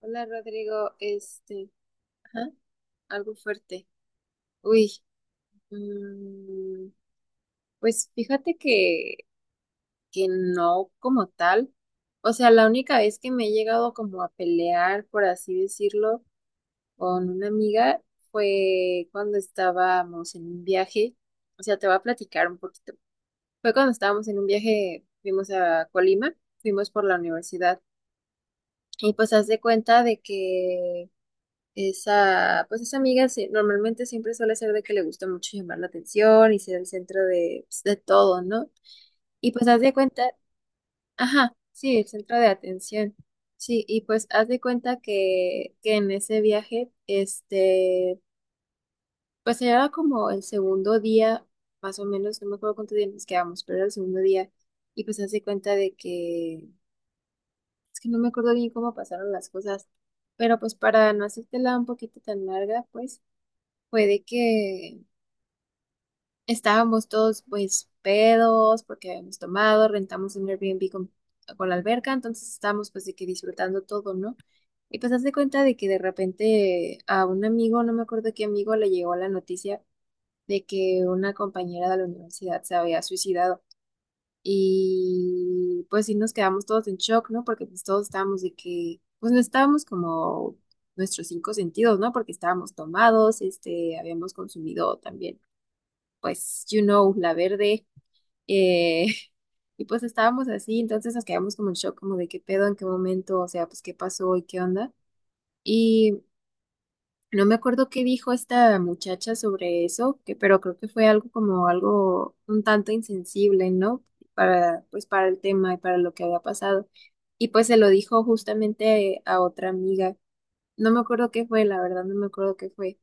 Hola Rodrigo, ajá, algo fuerte. Uy, mm, pues fíjate que no como tal. O sea, la única vez que me he llegado como a pelear, por así decirlo, con una amiga fue cuando estábamos en un viaje. O sea, te voy a platicar un poquito. Fue cuando estábamos en un viaje, fuimos a Colima, fuimos por la universidad. Y pues haz de cuenta de que esa amiga sí, normalmente siempre suele ser de que le gusta mucho llamar la atención y ser el centro de, pues, de todo, ¿no? Y pues haz de cuenta, ajá, sí, el centro de atención. Sí, y pues haz de cuenta que en ese viaje, pues era como el segundo día, más o menos, no me acuerdo cuántos días nos quedamos, pero era el segundo día. Y pues haz de cuenta de que, es que no me acuerdo bien cómo pasaron las cosas, pero pues para no hacértela un poquito tan larga, pues fue de que estábamos todos pues pedos porque habíamos tomado, rentamos un Airbnb con la alberca, entonces estábamos pues de que disfrutando todo, ¿no? Y pues haz de cuenta de que de repente a un amigo, no me acuerdo qué amigo, le llegó la noticia de que una compañera de la universidad se había suicidado. Y pues sí nos quedamos todos en shock, ¿no? Porque pues todos estábamos de que, pues no estábamos como nuestros cinco sentidos, ¿no? Porque estábamos tomados, habíamos consumido también, pues, you know, la verde. Eh, y pues estábamos así, entonces nos quedamos como en shock, como de qué pedo, en qué momento, o sea, pues qué pasó y qué onda. Y no me acuerdo qué dijo esta muchacha sobre eso, pero creo que fue algo como algo un tanto insensible, ¿no? Pues para el tema y para lo que había pasado. Y pues se lo dijo justamente a otra amiga. No me acuerdo qué fue, la verdad, no me acuerdo qué fue.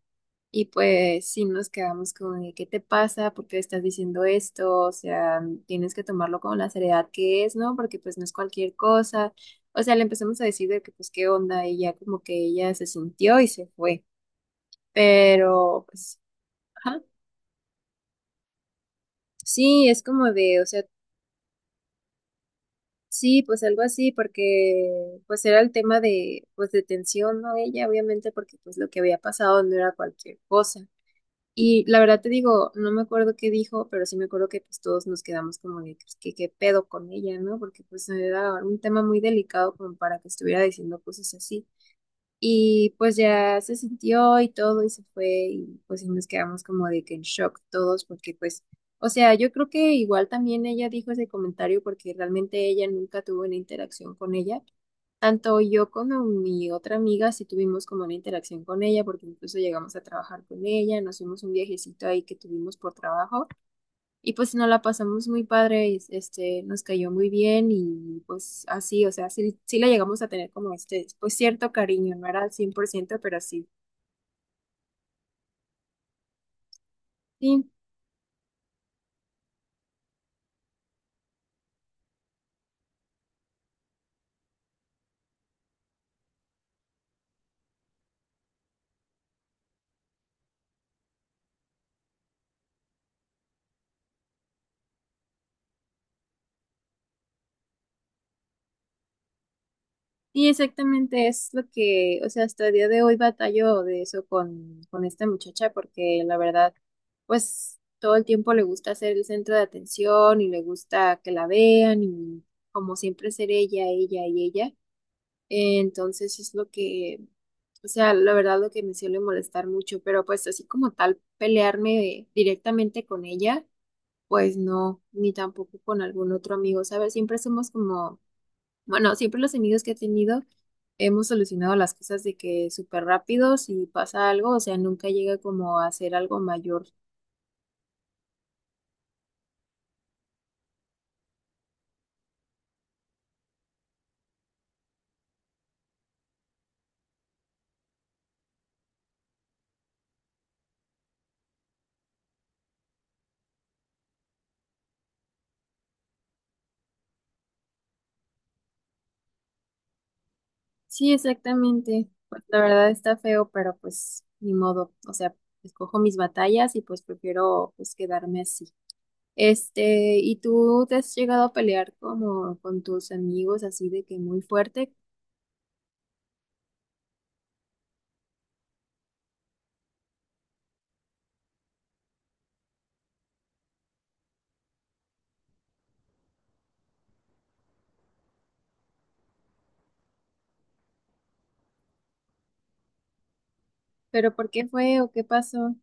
Y pues sí nos quedamos con de, ¿qué te pasa? ¿Por qué estás diciendo esto? O sea, tienes que tomarlo con la seriedad que es, ¿no? Porque pues no es cualquier cosa. O sea, le empezamos a decir de que pues qué onda y ya como que ella se sintió y se fue. Pero pues, ajá. Sí, es como de, o sea, sí, pues algo así porque pues era el tema de pues de tensión, ¿no? Ella obviamente porque pues lo que había pasado no era cualquier cosa. Y la verdad te digo, no me acuerdo qué dijo, pero sí me acuerdo que pues todos nos quedamos como de pues, que qué pedo con ella, ¿no? Porque pues era un tema muy delicado como para que estuviera diciendo cosas así. Y pues ya se sintió y todo y se fue y pues sí nos quedamos como de que en shock todos porque pues, o sea, yo creo que igual también ella dijo ese comentario porque realmente ella nunca tuvo una interacción con ella. Tanto yo como mi otra amiga sí tuvimos como una interacción con ella, porque incluso llegamos a trabajar con ella, nos fuimos un viajecito ahí que tuvimos por trabajo y pues nos la pasamos muy padre, y, nos cayó muy bien y pues así, o sea, sí, sí la llegamos a tener como este, pues cierto cariño, no era al 100% pero sí. Sí, y exactamente es lo que, o sea, hasta el día de hoy batallo de eso con esta muchacha, porque la verdad, pues todo el tiempo le gusta ser el centro de atención y le gusta que la vean y como siempre ser ella, ella y ella. Entonces es lo que, o sea, la verdad lo que me suele molestar mucho, pero pues así como tal, pelearme directamente con ella, pues no, ni tampoco con algún otro amigo, ¿sabes? Siempre somos como bueno, siempre los amigos que he tenido hemos solucionado las cosas de que súper rápido si pasa algo, o sea, nunca llega como a ser algo mayor. Sí, exactamente. Pues, la verdad está feo, pero pues ni modo. O sea, escojo mis batallas y pues prefiero pues quedarme así. Este, ¿y tú te has llegado a pelear como con tus amigos así de que muy fuerte? ¿Pero por qué fue o qué pasó?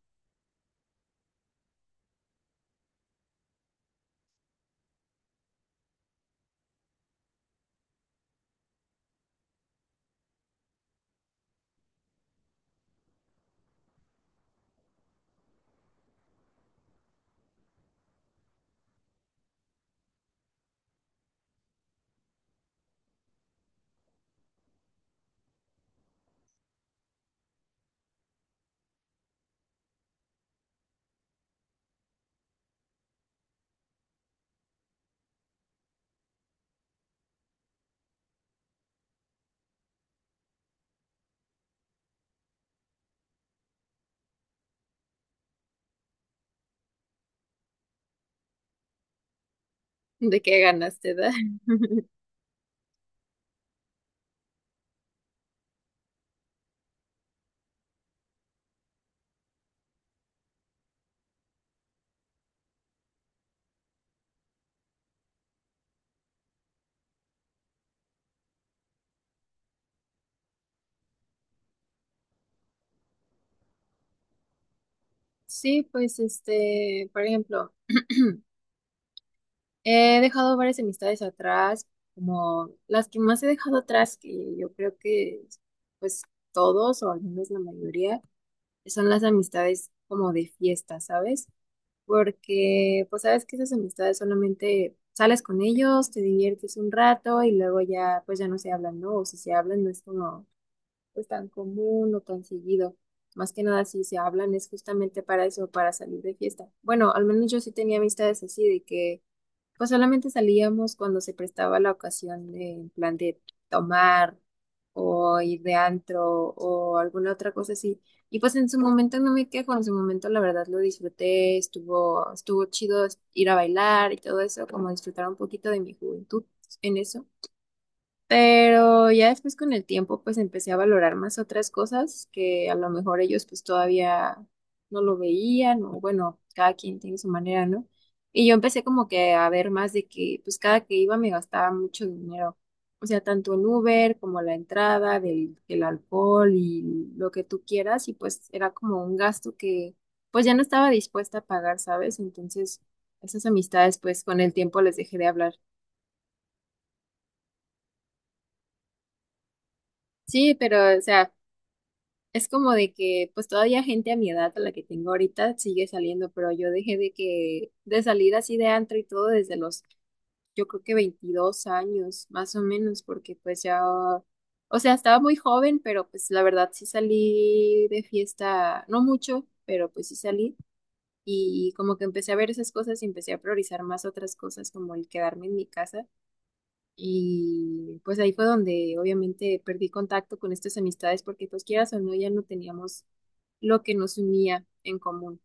¿De qué ganaste, da? Sí, pues este, por ejemplo. He dejado varias amistades atrás, como las que más he dejado atrás, que yo creo que pues todos o al menos la mayoría son las amistades como de fiesta, ¿sabes? Porque pues sabes que esas amistades solamente sales con ellos, te diviertes un rato y luego ya pues ya no se hablan, ¿no? O si se hablan no es como pues tan común o tan seguido. Más que nada si se hablan es justamente para eso, para salir de fiesta. Bueno, al menos yo sí tenía amistades así de que pues solamente salíamos cuando se prestaba la ocasión de, en plan de tomar o ir de antro o alguna otra cosa así. Y pues en su momento no me quejo, en su momento la verdad lo disfruté, estuvo chido ir a bailar y todo eso, como disfrutar un poquito de mi juventud en eso. Pero ya después con el tiempo pues empecé a valorar más otras cosas que a lo mejor ellos pues todavía no lo veían o bueno, cada quien tiene su manera, ¿no? Y yo empecé como que a ver más de que pues cada que iba me gastaba mucho dinero, o sea, tanto en Uber como la entrada del alcohol y lo que tú quieras y pues era como un gasto que pues ya no estaba dispuesta a pagar, ¿sabes? Entonces esas amistades pues con el tiempo les dejé de hablar. Sí, pero o sea... Es como de que, pues todavía gente a mi edad, a la que tengo ahorita, sigue saliendo, pero yo dejé de salir así de antro y todo desde los, yo creo que 22 años, más o menos, porque pues ya, o sea, estaba muy joven, pero pues la verdad sí salí de fiesta, no mucho, pero pues sí salí y como que empecé a ver esas cosas y empecé a priorizar más otras cosas como el quedarme en mi casa y pues ahí fue donde obviamente perdí contacto con estas amistades porque pues quieras o no, ya no teníamos lo que nos unía en común.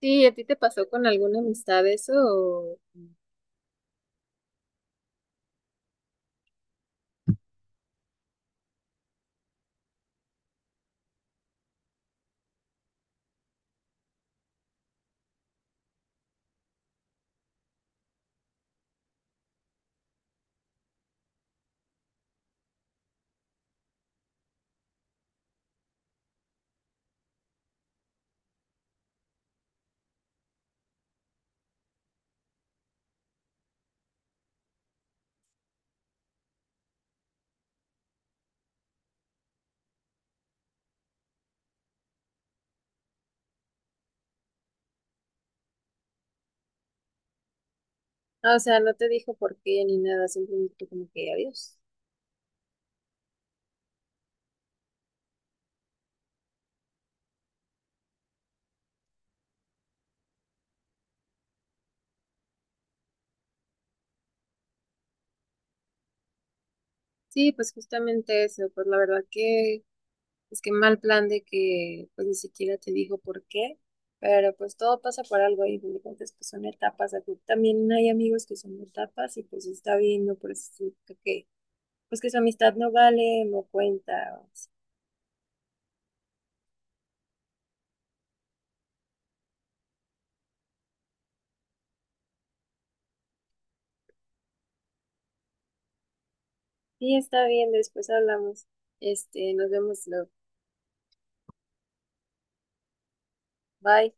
Sí, ¿a ti te pasó con alguna amistad eso? O, ah, o sea, no te dijo por qué ni nada, simplemente como que adiós. Sí, pues justamente eso, pues la verdad que es que mal plan de que pues ni siquiera te dijo por qué, pero pues todo pasa por algo y de cuentas pues son etapas, aquí también hay amigos que son etapas y pues está bien, no por eso significa que pues que su amistad no vale, no cuenta. O así. Sí, está bien, después hablamos. Este, nos vemos luego. Bye.